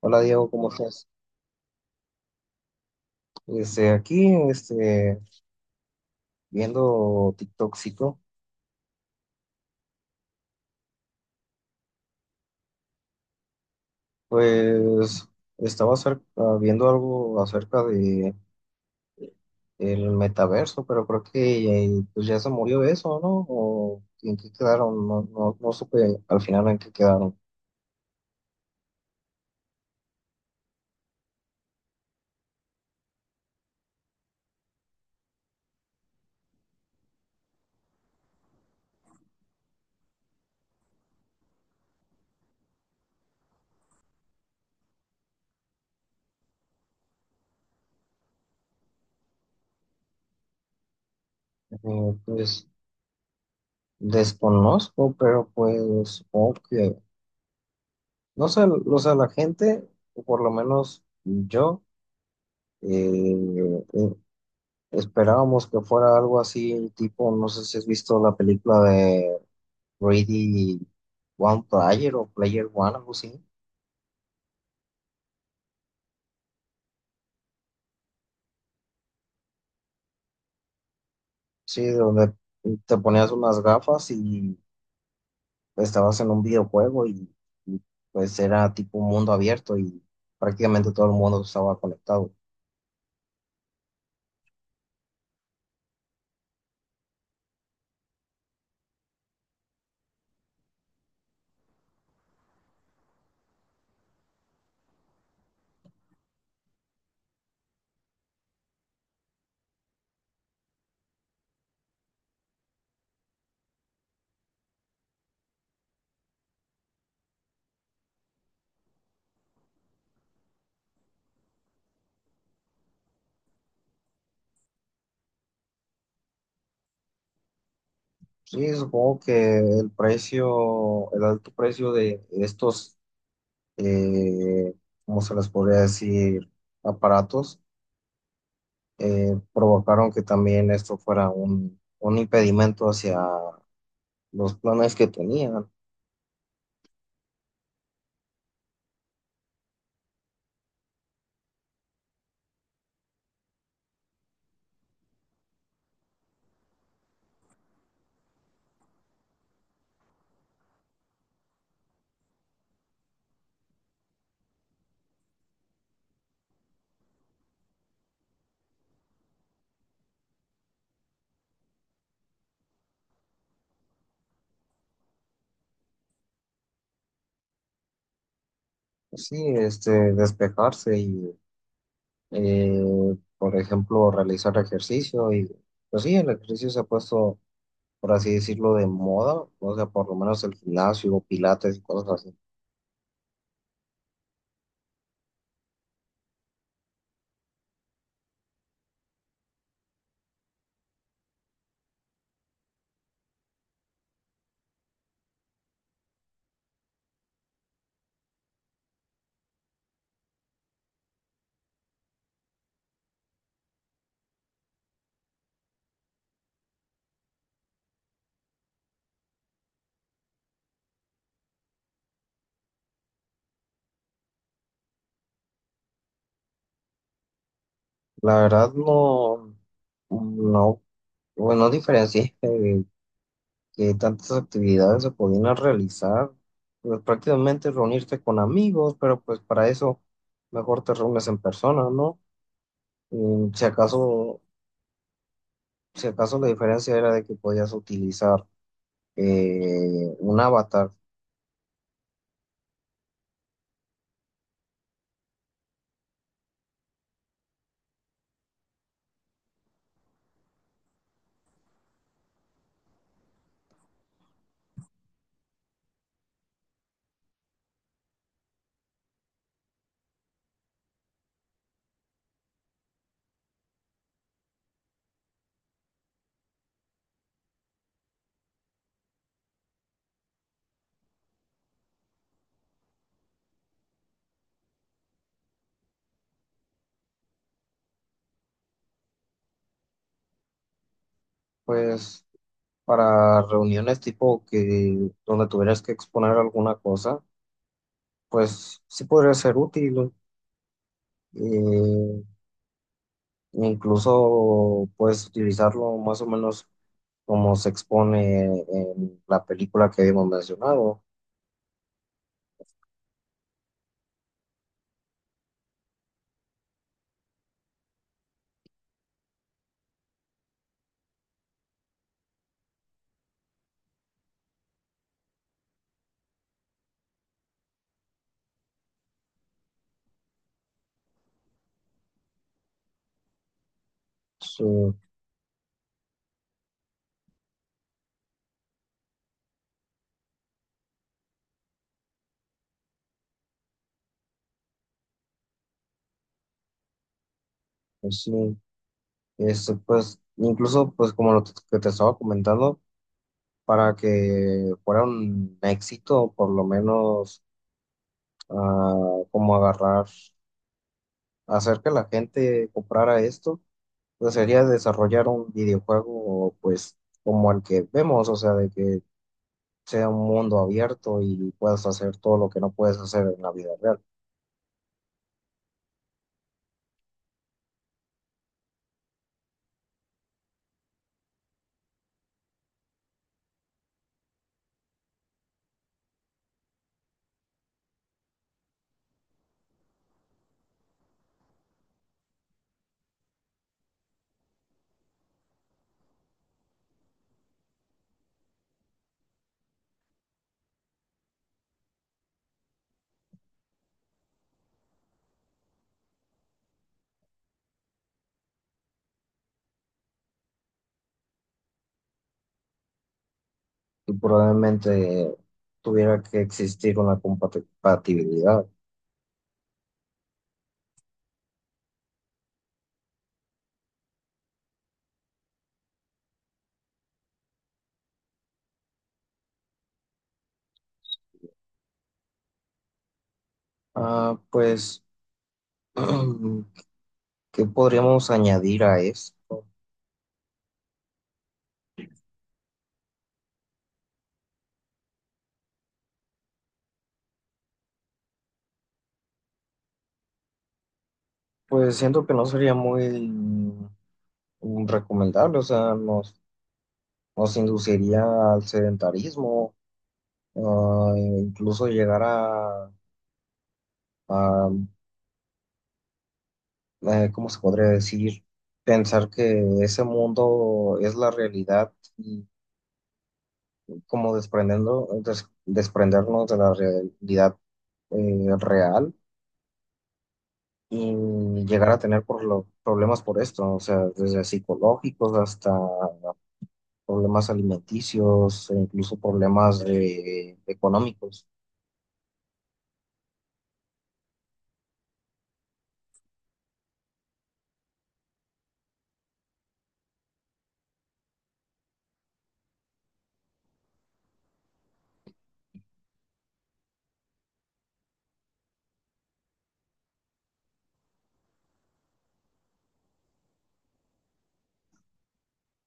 Hola Diego, ¿cómo estás? Este, aquí, este, viendo TikTokcito, pues viendo algo acerca de el metaverso, pero creo que pues ya se murió eso, ¿no? ¿O en qué quedaron? No, no supe al final en qué quedaron. Pues desconozco, pero pues supongo que, no sé, o sea, la gente, o por lo menos yo, eh, eh, Esperábamos que fuera algo así, tipo, no sé si has visto la película de Ready One Player o Player One, algo así. Sí, donde te ponías unas gafas y estabas en un videojuego y pues era tipo un mundo abierto y prácticamente todo el mundo estaba conectado. Sí, supongo que el precio, el alto precio de estos, eh, ¿cómo se les podría decir? Aparatos provocaron que también esto fuera un impedimento hacia los planes que tenían. Sí, este, despejarse y, por ejemplo, realizar ejercicio. Y, pues sí, el ejercicio se ha puesto, por así decirlo, de moda, o sea, por lo menos el gimnasio, pilates y cosas así. La verdad no, bueno, no diferencié que tantas actividades se podían realizar, pues prácticamente reunirte con amigos, pero pues para eso mejor te reúnes en persona, ¿no? Y si acaso, si acaso la diferencia era de que podías utilizar un avatar, pues para reuniones tipo que donde tuvieras que exponer alguna cosa, pues sí podría ser útil, ¿no? eh, Incluso puedes utilizarlo más o menos como se expone en la película que habíamos mencionado. Sí, pues sí, es, pues incluso pues como lo que te estaba comentando, para que fuera un éxito, por lo menos ah, como agarrar, hacer que la gente comprara esto, pues sería desarrollar un videojuego pues como el que vemos, o sea, de que sea un mundo abierto y puedas hacer todo lo que no puedes hacer en la vida real. Y probablemente tuviera que existir una compatibilidad. Ah, pues, ¿qué podríamos añadir a esto? Pues siento que no sería muy recomendable, o sea, nos induciría al sedentarismo, e incluso llegar a ¿cómo se podría decir? Pensar que ese mundo es la realidad, como desprendernos de la realidad real y llegar a tener problemas por esto, o sea, desde psicológicos hasta problemas alimenticios e incluso problemas económicos.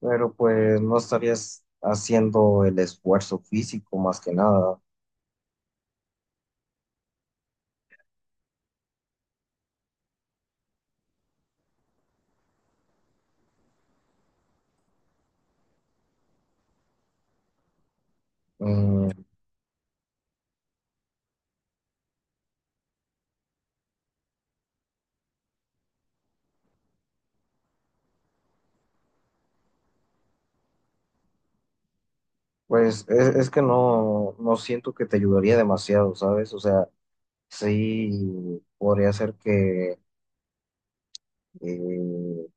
Pero pues no estarías haciendo el esfuerzo físico más que nada. Mm. Es que no siento que te ayudaría demasiado, ¿sabes? O sea, sí podría ser que eh,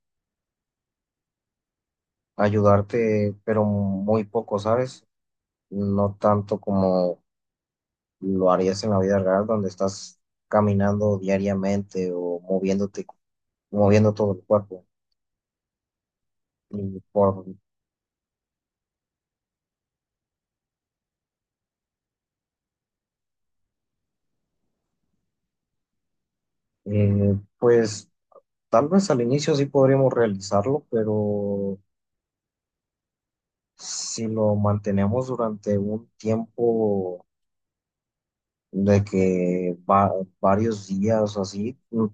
ayudarte, pero muy poco, ¿sabes? No tanto como lo harías en la vida real, donde estás caminando diariamente o moviéndote, moviendo todo el cuerpo. Y por, pues tal vez al inicio sí podríamos realizarlo, pero si lo mantenemos durante un tiempo de varios días o así, mm,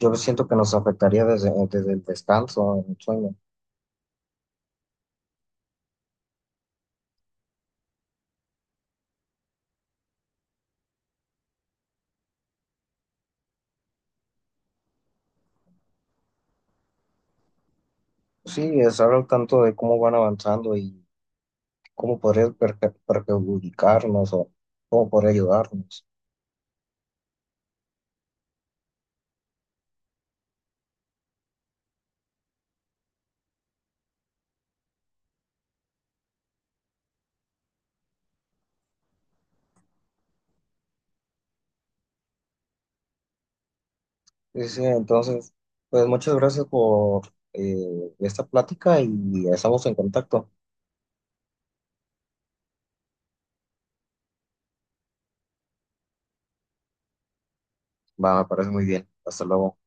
yo siento que nos afectaría desde el descanso, el sueño. Sí, estar al tanto de cómo van avanzando y cómo podría perjudicarnos o cómo podría ayudarnos. Sí, sí, entonces, pues muchas gracias por esta plática y estamos en contacto. Va, me parece muy bien. Hasta luego.